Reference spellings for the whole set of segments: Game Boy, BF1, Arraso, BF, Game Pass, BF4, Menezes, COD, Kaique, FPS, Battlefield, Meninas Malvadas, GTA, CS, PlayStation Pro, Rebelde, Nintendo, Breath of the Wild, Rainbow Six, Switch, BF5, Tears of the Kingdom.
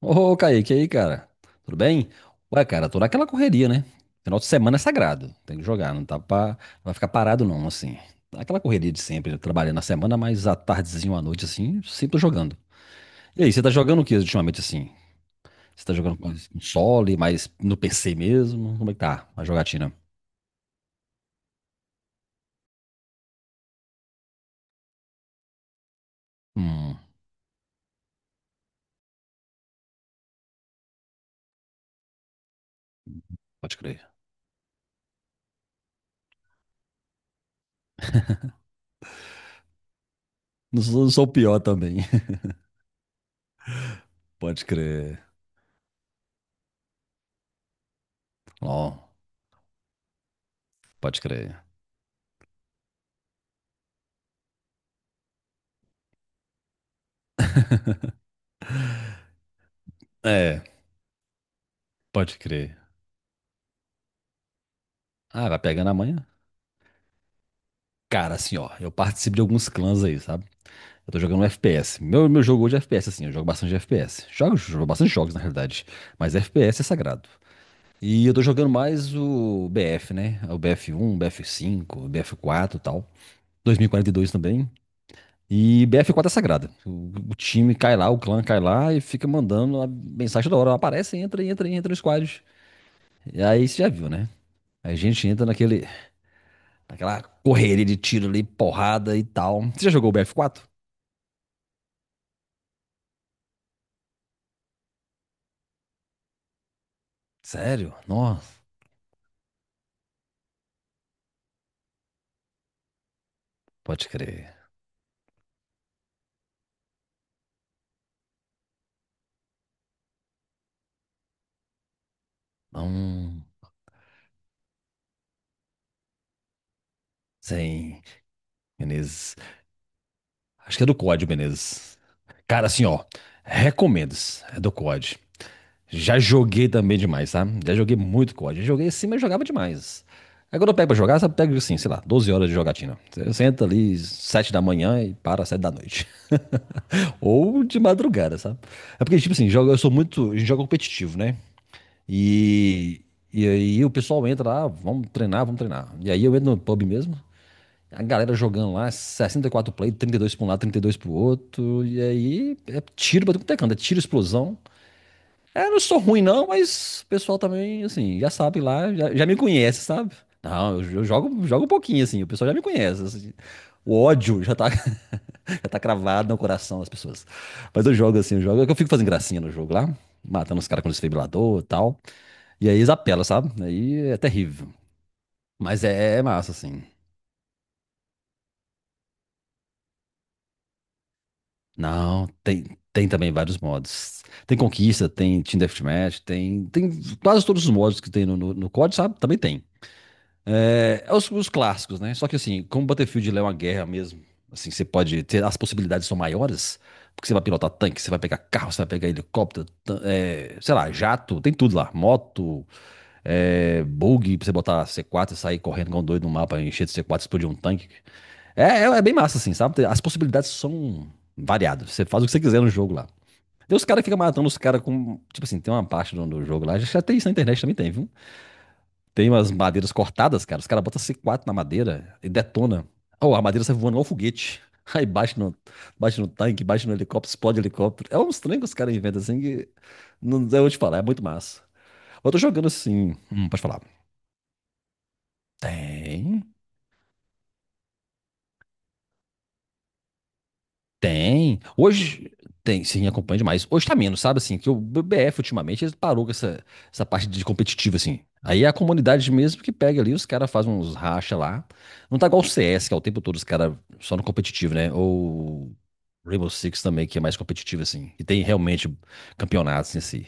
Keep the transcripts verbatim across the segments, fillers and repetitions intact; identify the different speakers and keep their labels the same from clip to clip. Speaker 1: Ô, Kaique, e aí, cara? Tudo bem? Ué, cara, tô naquela correria, né? Final de semana é sagrado. Tem que jogar, não tá pra... não vai ficar parado não, assim. Tá, aquela correria de sempre, né? Trabalhando na semana, mas à tardezinha ou à noite, assim, sempre tô jogando. E aí, você tá jogando o que ultimamente, assim? Você tá jogando com console, mas no P C mesmo? Como é que tá a jogatina? Hum, pode crer. Não sou, não sou o pior também. Pode crer. Ó, pode crer. É, pode crer. Ah, vai pegando amanhã? Cara, assim, ó, eu participo de alguns clãs aí, sabe? Eu tô jogando F P S. Meu, meu jogo hoje é F P S, assim. Eu jogo bastante F P S. Jogo, jogo bastante jogos, na realidade. Mas F P S é sagrado. E eu tô jogando mais o B F, né? O B F um, B F cinco, B F quatro e tal. Dois mil e quarenta e dois também. E BF quatro é sagrada. O, o time cai lá, o clã cai lá e fica mandando a mensagem da hora. Aparece, entra, entra, entra no squad. E aí você já viu, né? Aí a gente entra naquele, naquela correria de tiro ali, porrada e tal. Você já jogou o BF quatro? Sério? Nossa, pode crer. Hum, sim, Menezes. Acho que é do códi, Menezes. Cara, assim, ó. Recomendo. É do C O D. Já joguei também demais, tá? Já joguei muito C O D. Já joguei assim, mas jogava demais. Aí quando eu pego pra jogar, sabe, pego assim, sei lá, doze horas de jogatina. Você senta ali sete da manhã e para sete da noite. Ou de madrugada, sabe? É porque, tipo assim, jogo, eu sou muito. A gente joga competitivo, né? E. E aí o pessoal entra lá: "Ah, vamos treinar, vamos treinar." E aí eu entro no pub mesmo, a galera jogando lá, sessenta e quatro play, trinta e dois pra um lado, trinta e dois pro outro. E aí, é tiro pra tudo tecando é tiro, explosão. É, não sou ruim não, mas o pessoal também, assim, já sabe lá, já, já me conhece, sabe? Não, eu, eu jogo, jogo um pouquinho, assim, o pessoal já me conhece, assim. O ódio já tá, já tá cravado no coração das pessoas. Mas eu jogo assim, eu jogo, eu fico fazendo gracinha no jogo lá, matando os caras com desfibrilador e tal. E aí eles apelam, sabe? Aí é terrível. Mas é, é, massa, assim. Não, tem, tem também vários modos. Tem Conquista, tem Team Deathmatch, tem, tem quase todos os modos que tem no, no, no códi, sabe? Também tem. É, é os, os clássicos, né? Só que assim, como Battlefield ele é uma guerra mesmo, assim, você pode ter, as possibilidades são maiores, porque você vai pilotar tanque, você vai pegar carro, você vai pegar helicóptero, tan- é, sei lá, jato, tem tudo lá, moto, é, bug pra você botar C quatro e sair correndo igual um doido no mapa, encher de C quatro, explodir um tanque. É, é, é bem massa, assim, sabe? As possibilidades são variadas. Você faz o que você quiser no jogo lá. Tem os caras que ficam matando os caras com. Tipo assim, tem uma parte do, do jogo lá. Já tem isso na internet também, tem, viu? Tem umas madeiras cortadas, cara. Os caras botam C quatro na madeira e detona. Oh, a madeira sai voando igual foguete. Aí bate no, bate no tanque, bate no helicóptero, explode o helicóptero. É uns trem que os caras inventam assim que. Não, eu vou te falar, é muito massa. Eu tô jogando assim. Hum, pode falar. Tem. Tem. Hoje tem, sim, acompanha demais. Hoje tá menos, sabe assim, que o B F ultimamente ele parou com essa, essa parte de competitiva assim. Aí é a comunidade mesmo que pega ali, os caras fazem uns racha lá. Não tá igual o C S, que é o tempo todo os caras só no competitivo, né? Ou Rainbow Six também, que é mais competitivo assim, e tem realmente campeonatos em si.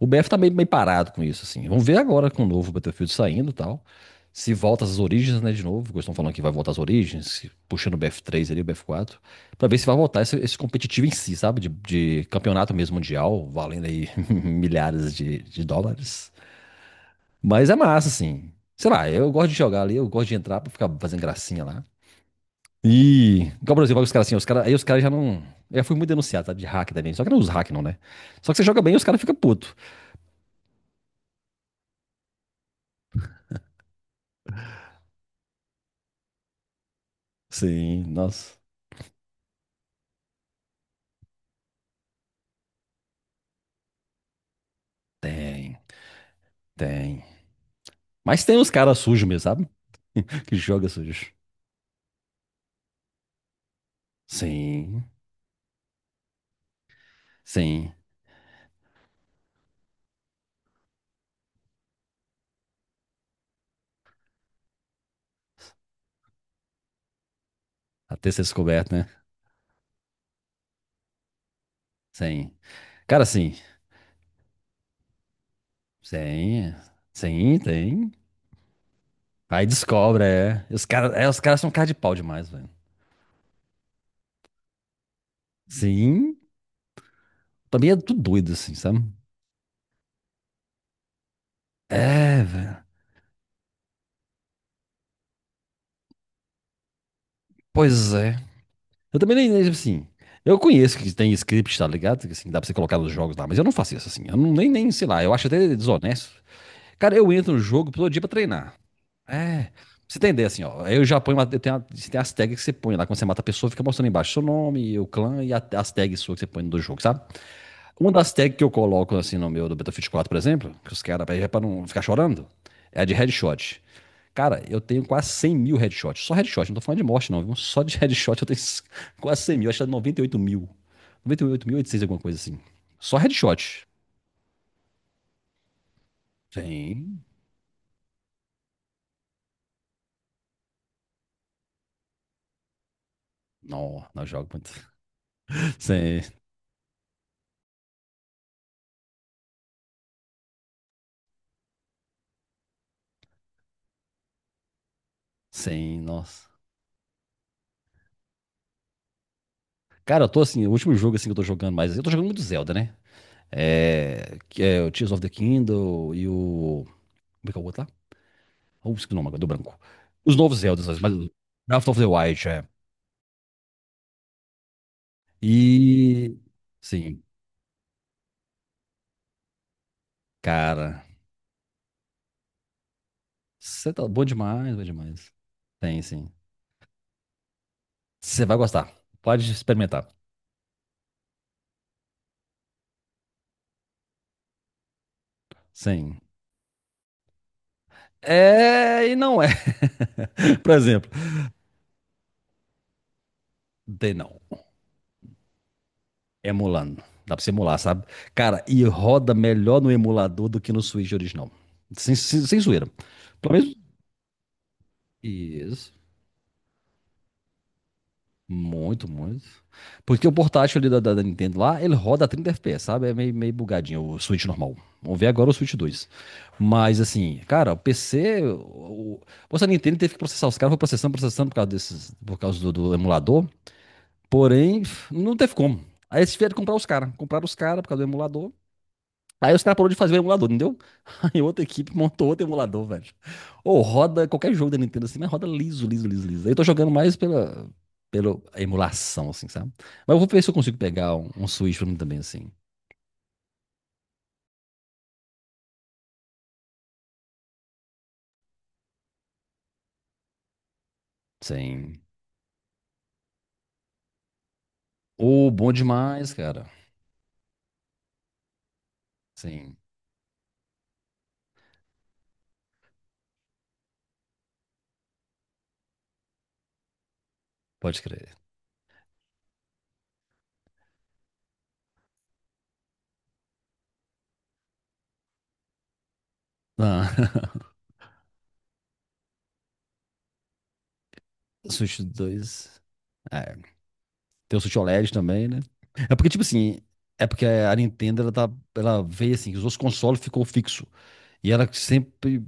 Speaker 1: O B F tá meio, meio parado com isso assim. Vamos ver agora com o novo Battlefield saindo, e tal. Se volta às origens, né, de novo, que eles estão falando que vai voltar às origens, puxando o BF três ali, o BF quatro, pra ver se vai voltar esse, esse competitivo em si, sabe? De, de campeonato mesmo mundial, valendo aí milhares de, de dólares. Mas é massa, assim. Sei lá, eu gosto de jogar ali, eu gosto de entrar pra ficar fazendo gracinha lá. E, igual, por exemplo, os caras assim, os cara, aí os caras já não. Eu já fui muito denunciado, tá? De hack também. Só que não os hack, não, né? Só que você joga bem e os caras ficam putos. Sim, nossa. Tem, tem. Mas tem os caras sujos mesmo, sabe? Que joga sujo. Sim, sim. Até ser descoberto, né? Sim. Cara, assim. Sim, sim, tem. Aí descobre, é. E os caras, é, os caras são um cara de pau demais, velho. Sim, também é tudo doido, assim, sabe? É, velho. Pois é. Eu também nem, nem, assim, eu conheço que tem script, tá ligado? Que, assim, dá pra você colocar nos jogos lá, mas eu não faço isso, assim. Eu não, nem, nem, sei lá, eu acho até desonesto. Cara, eu entro no jogo todo dia pra treinar. É. Pra você entender, assim, ó. Aí eu já ponho, uma- eu tenho, a- tem as tags que você põe lá. Quando você mata a pessoa, fica mostrando embaixo seu nome, o clã e a- as tags suas que você põe no do jogo, sabe? Uma das tags que eu coloco assim no meu do Battlefield quatro, por exemplo, que os caras, é pra não ficar chorando, é a de headshot. Cara, eu tenho quase cem mil headshots. Só headshot, não tô falando de morte, não. Viu? Só de headshot eu tenho quase cem mil. Acho que é noventa e oito mil. noventa e oito mil e oitocentos, alguma coisa assim. Só headshot. Sim. Não, não jogo muito. Sim, sim, nossa. Cara, eu tô assim, o último jogo assim que eu tô jogando mais, eu tô jogando muito Zelda, né? É, que é o Tears of the Kingdom e o. Como é que é o outro lá? Ou esqueci o nome agora, do branco. Os novos Zeldas, mas Breath of the Wild, é. E. Sim, cara. Você tá bom demais, bom demais. Tem, sim. Você vai gostar. Pode experimentar. Sim. É e não é. Por exemplo, tem não. Emulando. Dá pra você emular, sabe? Cara, e roda melhor no emulador do que no Switch original. Sem, sem, sem zoeira. Pelo menos. Isso. Muito, muito. Porque o portátil ali da, da- da Nintendo lá, ele roda a trinta F P S, sabe? É meio, meio bugadinho o Switch normal. Vamos ver agora o Switch dois. Mas assim, cara, o P C. O... Você, a Nintendo teve que processar os caras, foi processando, processando por causa desses, por causa do, do emulador. Porém, não teve como. Aí eles tiveram que comprar os caras. Compraram os caras por causa do emulador. Aí os caras pararam de fazer o emulador, entendeu? E outra equipe montou outro emulador, velho. Ou roda qualquer jogo da Nintendo assim, mas roda liso, liso, liso, liso. Eu tô jogando mais pela, pela emulação, assim, sabe? Mas eu vou ver se eu consigo pegar um, um, Switch pra mim também, assim. Sim. Ô, bom demais, cara. Sim, pode crer. Ah, Switch dois. É, tem o Switch OLED também, né? É porque, tipo assim, é porque a Nintendo, ela, tá, ela veio assim, que os outros consoles ficou fixo. E ela sempre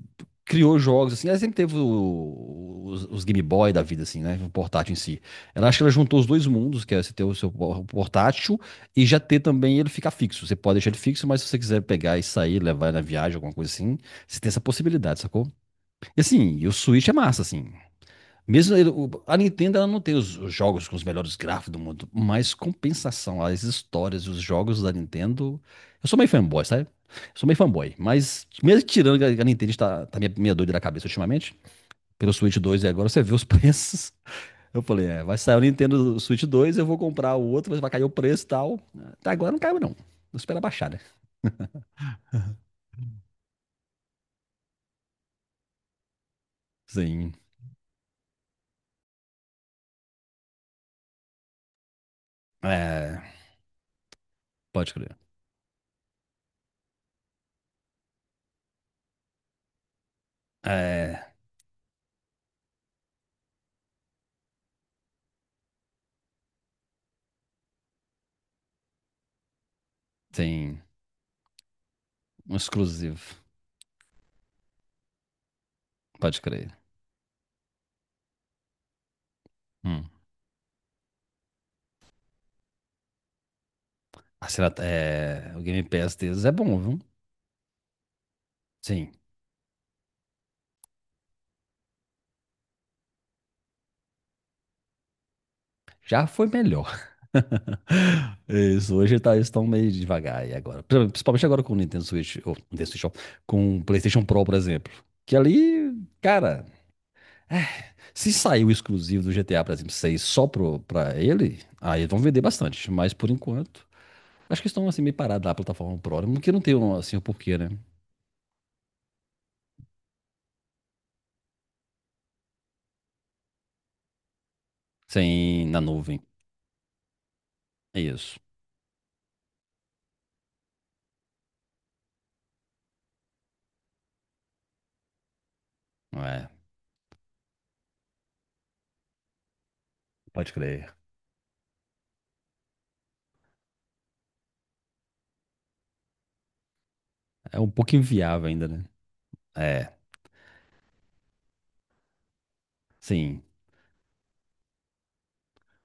Speaker 1: criou jogos, assim. Ela sempre teve o- os, os Game Boy da vida, assim, né? O portátil em si. Ela acha que ela juntou os dois mundos, que é você ter o seu por- portátil e já ter também ele ficar fixo. Você pode deixar ele fixo, mas se você quiser pegar e sair, levar na viagem, alguma coisa assim, você tem essa possibilidade, sacou? E assim, e o Switch é massa, assim. Mesmo ele- o- a Nintendo ela não tem os, os jogos com os melhores gráficos do mundo, mas compensação, as histórias, os jogos da Nintendo. Eu sou meio fanboy, sabe? Eu sou meio fanboy, mas mesmo tirando que a, que a Nintendo está tá minha, minha doida da cabeça ultimamente, pelo Switch dois e agora você vê os preços. Eu falei, é, vai sair o Nintendo Switch dois, eu vou comprar o outro, mas vai cair o preço e tal. Até agora não caiu, não. Vou esperar baixar, né? Sim. É, pode crer. É, tem um exclusivo. Pode crer. Hum. Ah, será, é, o Game Pass deles é bom, viu? Sim, já foi melhor. Isso, hoje tá, eles estão meio devagar aí agora. Pri- Principalmente agora com o Nintendo Switch, ou Nintendo Switch, ó, com o PlayStation Pro, por exemplo. Que ali, cara, se sair o exclusivo do G T A, por exemplo, seis só pro, pra ele, aí eles vão vender bastante. Mas por enquanto, acho que estão assim meio parados na plataforma Pro, né? Porque não tem um, assim o porquê, né? Sem na nuvem. É isso. É, pode crer. É um pouco inviável ainda, né? É. Sim.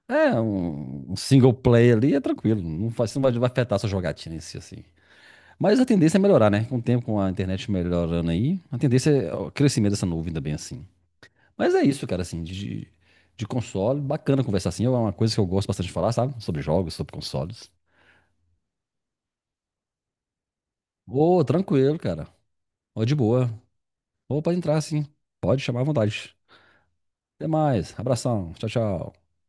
Speaker 1: É, um, um single player ali é tranquilo. Não faz, não vai, não vai afetar a sua jogatina em si, assim. Mas a tendência é melhorar, né? Com o tempo, com a internet melhorando aí, a tendência é o crescimento dessa nuvem também, assim. Mas é isso, cara, assim, de, de console. Bacana conversar assim. É uma coisa que eu gosto bastante de falar, sabe? Sobre jogos, sobre consoles. Ô, tranquilo, cara. Ô, de boa. Ô, pode entrar, sim. Pode chamar à vontade. Até mais. Abração. Tchau, tchau.